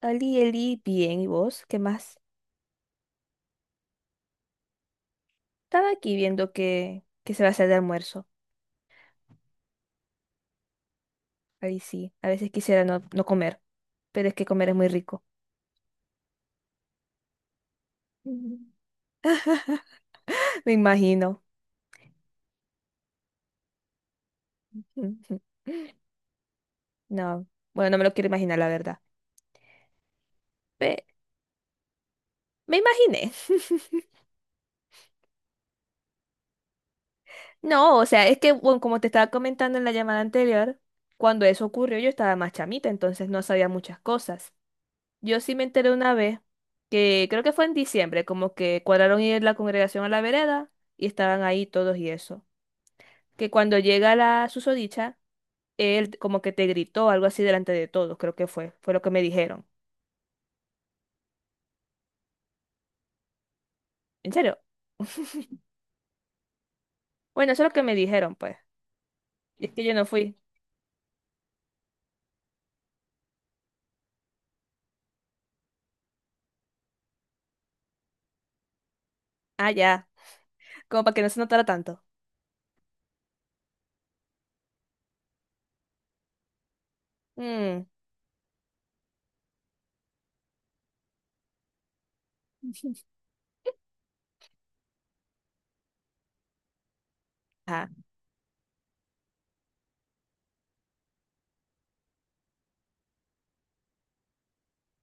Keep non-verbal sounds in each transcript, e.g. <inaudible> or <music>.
Ali, Eli, bien, ¿y vos? ¿Qué más? Estaba aquí viendo que se va a hacer de almuerzo. Ahí sí, a veces quisiera no comer, pero es que comer es muy rico. Ujú. <laughs> Me imagino. Ujú. No, bueno, no me lo quiero imaginar, la verdad. Pe- Me imaginé. <laughs> No, o sea, es que, bueno, como te estaba comentando en la llamada anterior, cuando eso ocurrió yo estaba más chamita, entonces no sabía muchas cosas. Yo sí me enteré una vez que creo que fue en diciembre, como que cuadraron ir la congregación a la vereda y estaban ahí todos y eso. Que cuando llega la susodicha, él como que te gritó algo así delante de todos, creo que fue lo que me dijeron. ¿En serio? <laughs> Bueno, eso es lo que me dijeron, pues. Y es que yo no fui. Ah, ya. Como para que no se notara tanto. Mm, ajá.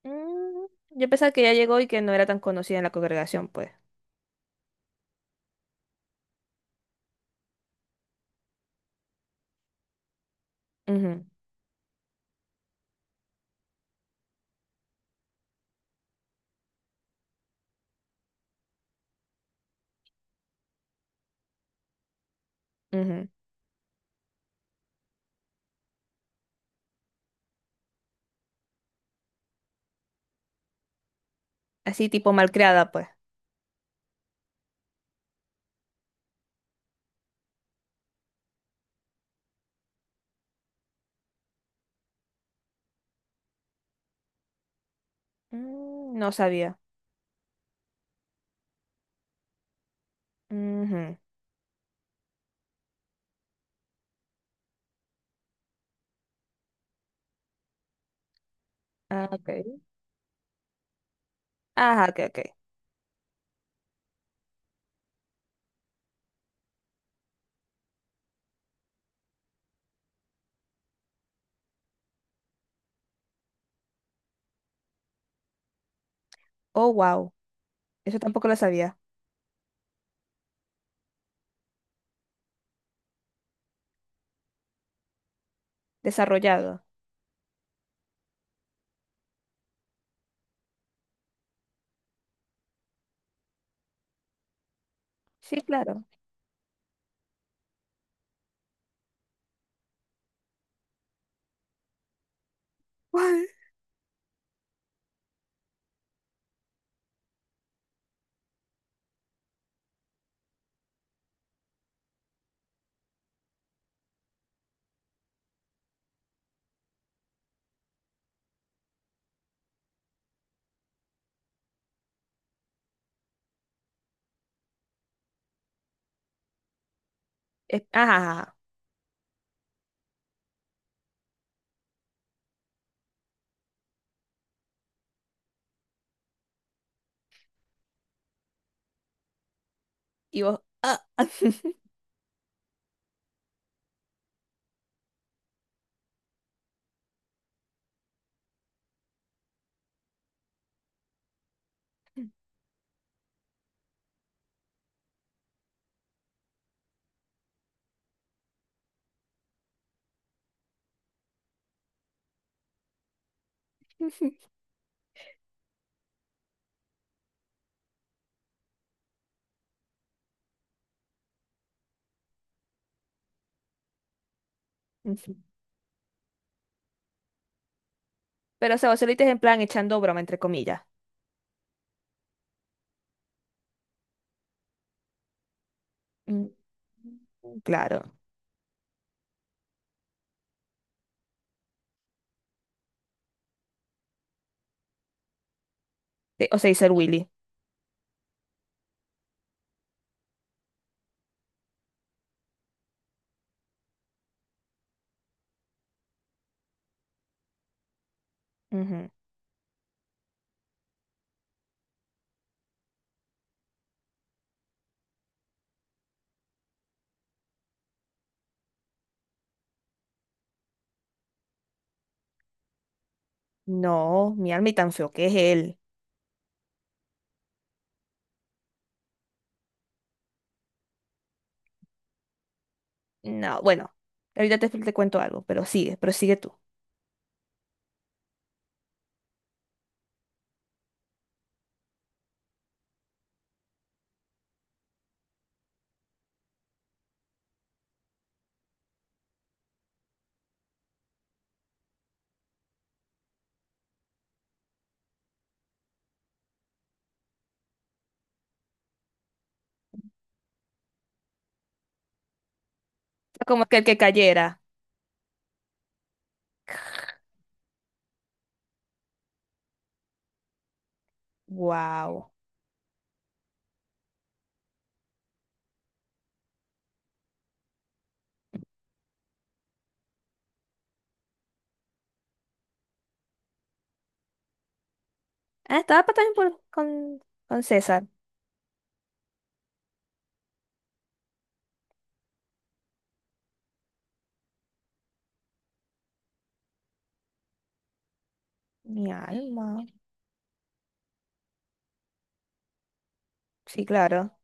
Mm, yo pensaba que ya llegó y que no era tan conocida en la congregación, pues. Ujú, ujú. Así tipo malcriada, pues. Mm, no sabía. Ujú. Ah, ok. Ajá, ok, ok. Oh, wow. Eso tampoco lo sabía. Desarrollado. Sí, claro. Guau. Es- ajá, ajá, ajá. Y vos. Ah. <laughs> Pero, o sea, vos se lo dices en plan echando broma, entre comillas. Mm, claro. O sea, dice el Willy. Ujú. No, mi alma y tan feo que es él. No, bueno. Ahorita te cuento algo, pero sigue tú. Como que el que cayera. Wow. Ah, estaba pa- también por- con César. Mi alma. Sí, claro.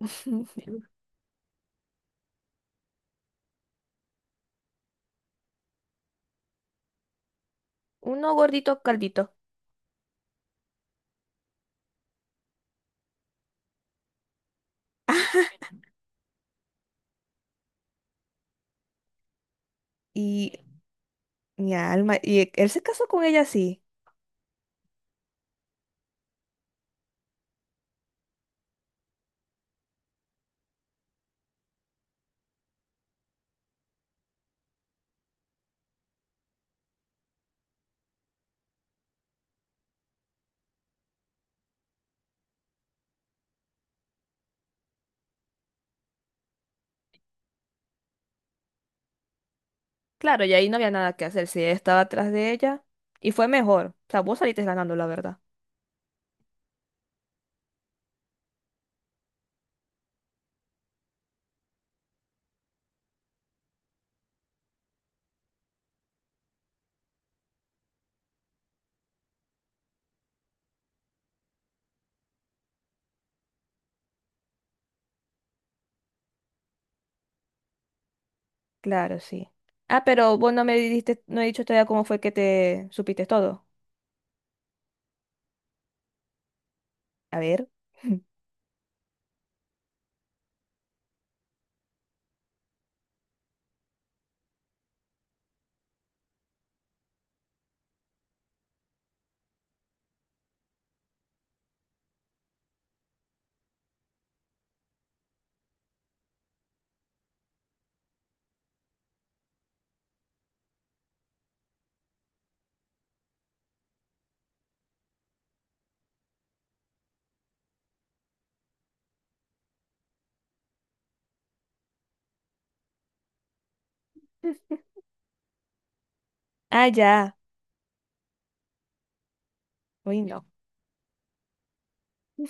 <laughs> Uno gordito, caldito. Y mi alma, y él se casó con ella así. Claro, y ahí no había nada que hacer. Si estaba atrás de ella. Y fue mejor. O sea, vos saliste ganando, la verdad. Claro, sí. Ah, pero vos no me diste, no he dicho todavía cómo fue que te supiste todo. A ver. <laughs> Ah, ya. Uy, no. No.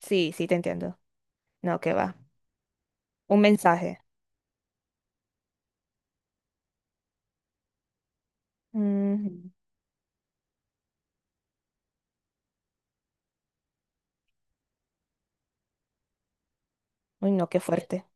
Sí, sí, te entiendo. No, que va. Un mensaje. Mm, uy, no, qué fuerte.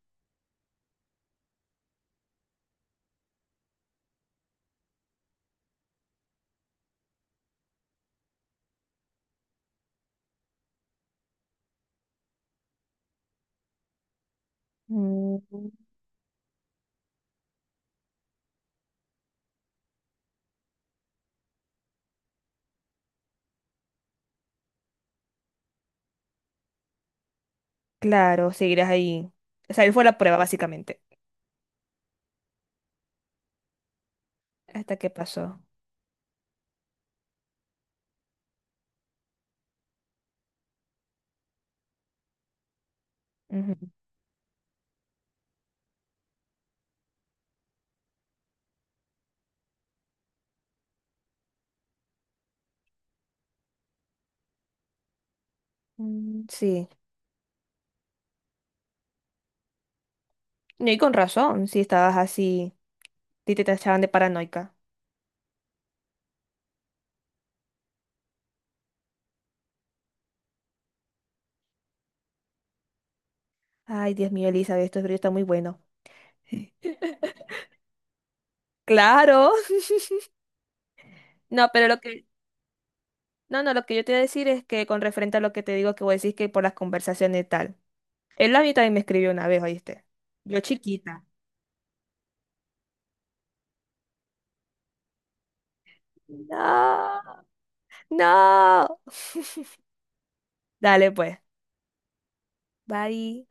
Mm, claro, seguirás ahí. O sea, él fue la prueba, básicamente. Hasta que pasó. Ujú. Mm, sí. No, y con razón, si estabas así, y te tachaban de paranoica. Ay, Dios mío, Elizabeth, esto es brillo está muy bueno. Claro. <laughs> No, pero lo que, no, no, lo que yo te iba a decir es que con referente a lo que te digo que vos decís que por las conversaciones y tal. Él a mí también me escribió una vez, ¿oíste? Yo chiquita. No, no. <laughs> Dale pues. Bye.